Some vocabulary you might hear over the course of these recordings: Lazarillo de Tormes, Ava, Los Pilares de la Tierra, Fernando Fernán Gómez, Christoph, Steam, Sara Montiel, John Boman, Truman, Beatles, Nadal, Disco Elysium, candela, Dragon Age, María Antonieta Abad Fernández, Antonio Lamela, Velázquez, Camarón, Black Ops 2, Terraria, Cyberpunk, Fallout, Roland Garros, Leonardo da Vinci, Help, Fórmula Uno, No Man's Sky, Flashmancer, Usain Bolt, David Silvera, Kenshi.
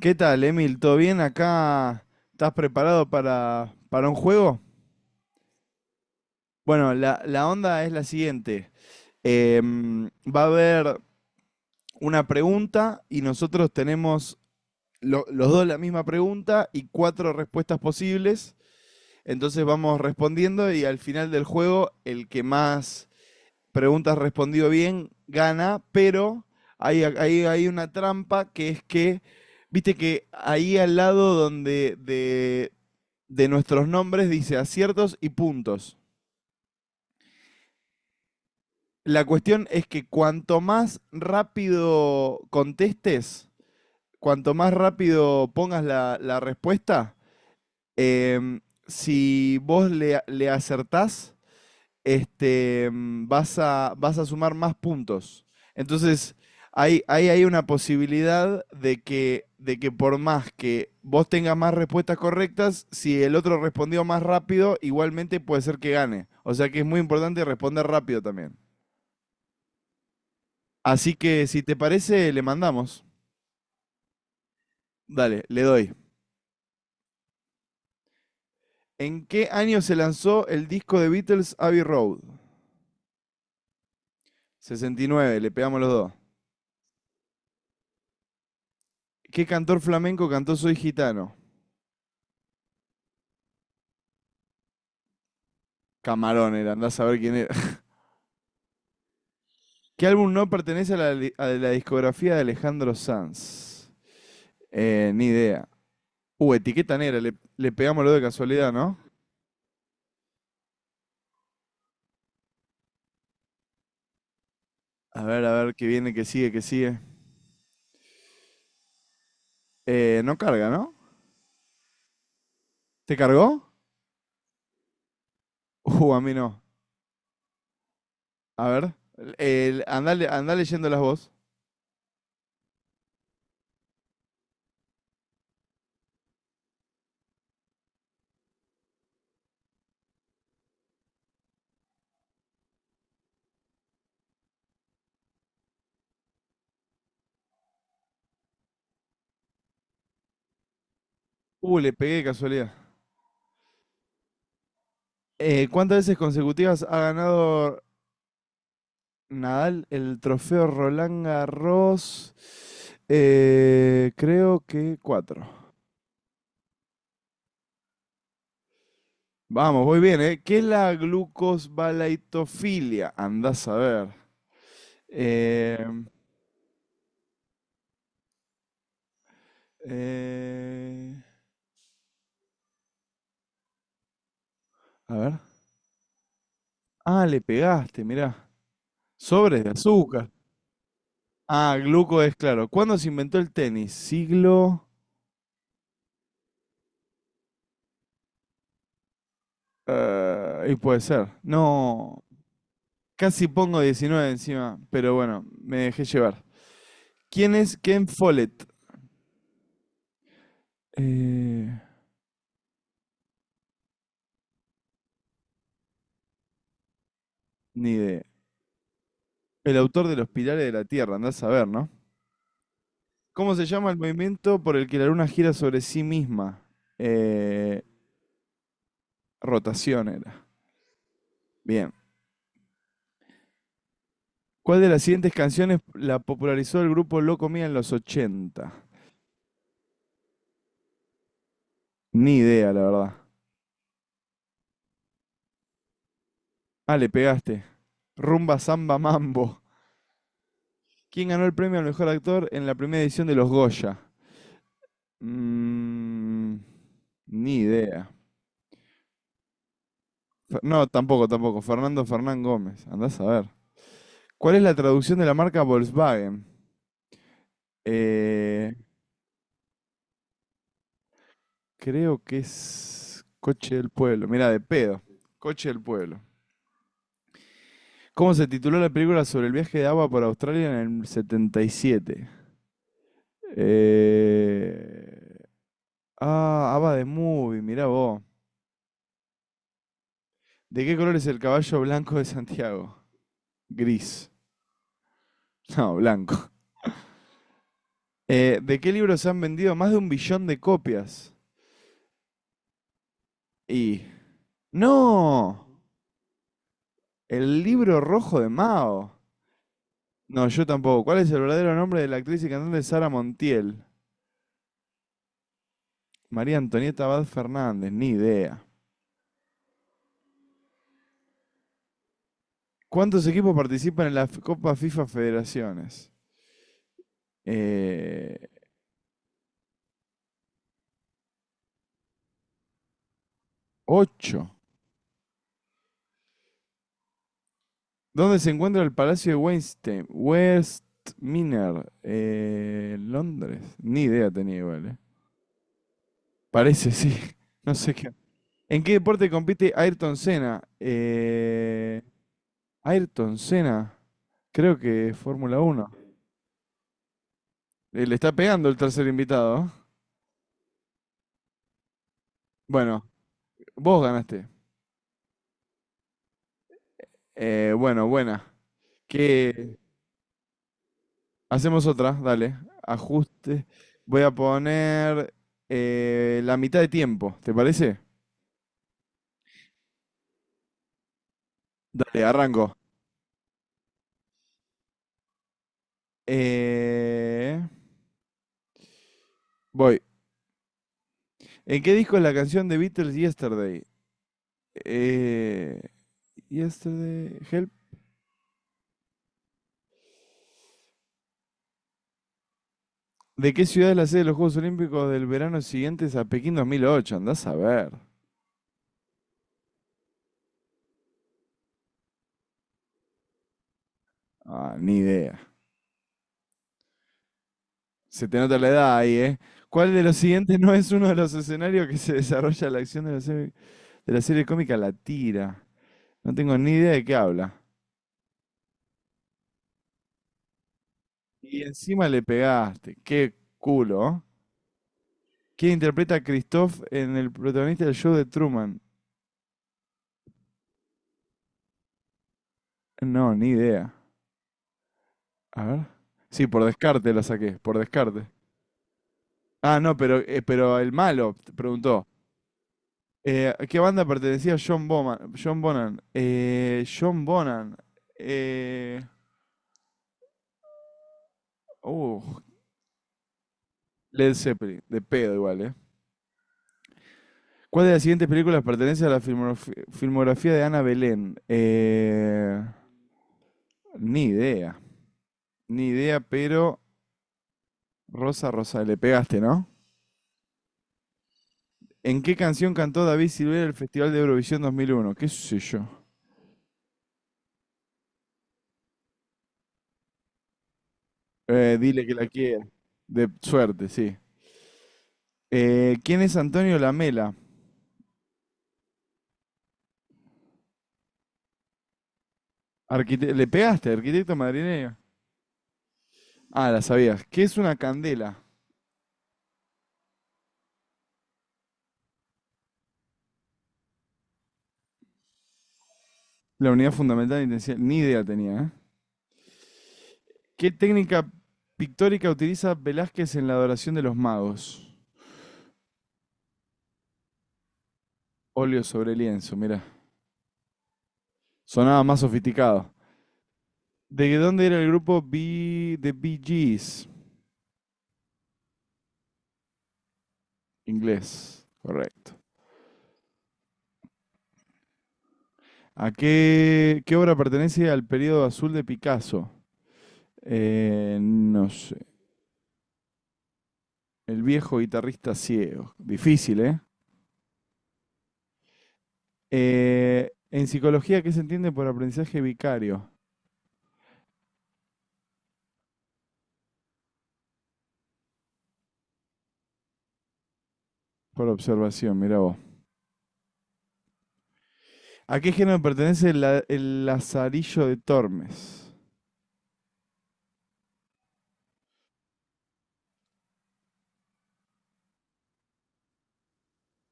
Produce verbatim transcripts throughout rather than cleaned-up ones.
¿Qué tal, Emil? ¿Todo bien acá? ¿Estás preparado para, para un juego? Bueno, la, la onda es la siguiente. Em, va a haber una pregunta y nosotros tenemos lo- los dos la misma pregunta y cuatro respuestas posibles. Entonces vamos respondiendo y al final del juego el que más preguntas respondido bien, gana, pero hay, hay, hay una trampa, que es que, viste que ahí al lado donde de, de nuestros nombres dice aciertos y puntos. La cuestión es que cuanto más rápido contestes, cuanto más rápido pongas la, la respuesta, em, si vos le, le acertás, este, mm, vas a, vas a sumar más puntos. Entonces, hay, hay hay una posibilidad de que, de que por más que vos tengas más respuestas correctas, si el otro respondió más rápido, igualmente puede ser que gane. O sea que es muy importante responder rápido también. Así que si te parece, le mandamos. Dale, le doy. ¿En qué año se lanzó el disco de Beatles Abbey Road? Sesenta y nueve. Le pegamos los dos. ¿Qué cantor flamenco cantó Soy Gitano? Camarón era, andás a ver quién era. ¿Qué álbum no pertenece a la, li- a la discografía de Alejandro Sanz? Eh, ni idea. Uh, etiqueta Negra, le, le pegamos lo de casualidad, ¿no? A ver, a ver, qué viene, qué sigue, qué sigue. Eh, no carga, ¿no? ¿Te cargó? Uh, a mí no. A ver, el, andá, le- andá leyendo las voz. Uh, le pegué de casualidad. Eh, ¿cuántas veces consecutivas ha ganado Nadal el trofeo Roland Garros? Eh, creo que cuatro. Vamos, voy bien, ¿eh? ¿Qué es la glucosbalaitofilia? Andás a ver. Em, eh, a ver. Ah, le pegaste, mirá. Sobres de azúcar. Ah, gluco es claro. ¿Cuándo se inventó el tenis? Siglo, eh, y puede ser. No, casi pongo diecinueve encima, pero bueno, me dejé llevar. ¿Quién es Ken Follett? Eh, Ni idea. El autor de Los Pilares de la Tierra, andás a ver, ¿no? ¿Cómo se llama el movimiento por el que la luna gira sobre sí misma? Eh, Rotación era. Bien. ¿Cuál de las siguientes canciones la popularizó el grupo Loco Mía en los ochenta? Ni idea, la verdad. Ah, le pegaste. Rumba Samba Mambo. ¿Quién ganó el premio al mejor actor en la primera edición de los Goya? Mm, Ni idea. Fe- No, tampoco, tampoco. Fernando Fernán Gómez. Andás a ver. ¿Cuál es la traducción de la marca Volkswagen? Eh, Creo que es Coche del Pueblo. Mira, de pedo. Coche del Pueblo. ¿Cómo se tituló la película sobre el viaje de Ava por Australia en el setenta y siete? Eh... Ah, Ava de Movie, mirá vos. ¿De qué color es el caballo blanco de Santiago? Gris. No, blanco. Eh, ¿de qué libros han vendido más de un billón de copias? Y... ¡No! El libro rojo de Mao. No, yo tampoco. ¿Cuál es el verdadero nombre de la actriz y cantante Sara Montiel? María Antonieta Abad Fernández, ni idea. ¿Cuántos equipos participan en la Copa FIFA Federaciones? Eh, Ocho. ¿Dónde se encuentra el Palacio de Westminster? Westminster, eh, Londres. Ni idea tenía igual, eh. Parece, sí. No sé qué. ¿En qué deporte compite Ayrton Senna? Eh, Ayrton Senna. Creo que Fórmula Uno. Eh, Le está pegando el tercer invitado. Bueno, vos ganaste. Eh, bueno, buena. Que hacemos otra, dale. Ajuste. Voy a poner eh, la mitad de tiempo, ¿te parece? Dale, arranco. Eh, Voy. ¿En qué disco es la canción de Beatles Yesterday? Eh, Yesterday, Help. ¿De qué ciudad es la sede de los Juegos Olímpicos del verano siguientes a Pekín dos mil ocho? Andás a ver. Ah, ni idea. Se te nota la edad ahí, ¿eh? ¿Cuál de los siguientes no es uno de los escenarios que se desarrolla la acción de la serie? de la serie cómica La Tira? No tengo ni idea de qué habla. Y encima le pegaste. Qué culo, ¿eh? ¿Quién interpreta a Christoph, en el protagonista del show de Truman? No, ni idea. A ver. Sí, por descarte la saqué, por descarte. Ah, no, pero, eh, pero el malo preguntó. Eh, ¿a qué banda pertenecía John Boman? John Bonan. Eh, John Bonan. Eh, uh, Led Zeppelin. De pedo igual, ¿eh? ¿Cuál de las siguientes películas pertenece a la filmografi- filmografía de Ana Belén? Eh, ni idea. Ni idea, pero Rosa Rosa, le pegaste, ¿no? ¿En qué canción cantó David Silvera en el Festival de Eurovisión dos mil uno? ¿Qué sé yo? Eh, dile que la quiera. De suerte, sí. Eh, ¿quién es Antonio Lamela? Arquite- ¿Le pegaste, arquitecto madrileño? Ah, la sabías. ¿Qué es una candela? La unidad fundamental de intensidad. Ni idea tenía, ¿eh? ¿Qué técnica pictórica utiliza Velázquez en la adoración de los magos? Óleo sobre lienzo, mira. Sonaba más sofisticado. ¿De dónde era el grupo B de Bee Gees? Inglés, correcto. ¿A qué, qué obra pertenece al periodo azul de Picasso? Eh, no sé. El viejo guitarrista ciego. Difícil, ¿eh? Eh, En psicología, ¿qué se entiende por aprendizaje vicario? Por observación, mira vos. ¿A qué género pertenece la- el Lazarillo de Tormes?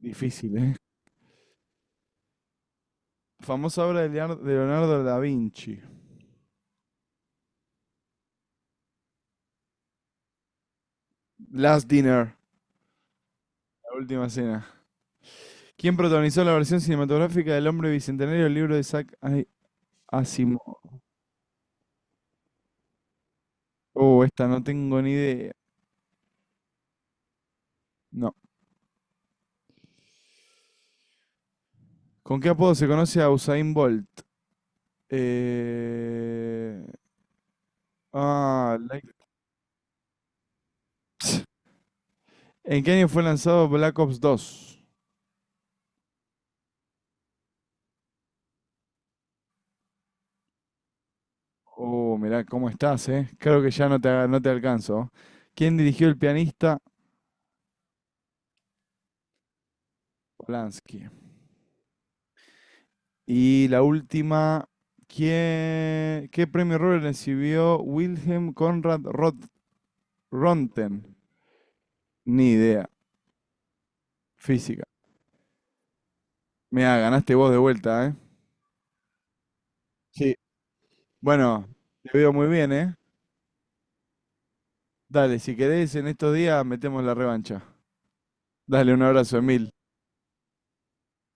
Difícil, ¿eh? Famosa obra de Leonardo, de Leonardo da Vinci. Last Dinner, la última cena. ¿Quién protagonizó la versión cinematográfica del Hombre Bicentenario del libro de Isaac Ay- Asimov? Oh, esta no tengo ni idea. No. ¿Con qué apodo se conoce a Usain Bolt? Eh... Ah, like- ¿En qué año fue lanzado Black Ops dos? Oh, mirá cómo estás, ¿eh? Creo que ya no te, aga- no te alcanzo. ¿Quién dirigió el pianista? Polanski. Y la última, ¿quién, qué premio Nobel recibió Wilhelm Conrad Roth- Röntgen? Ni idea. Física. Mirá, ganaste vos de vuelta, ¿eh? Sí. Bueno, te veo muy bien, ¿eh? Dale, si querés, en estos días metemos la revancha. Dale, un abrazo, Emil.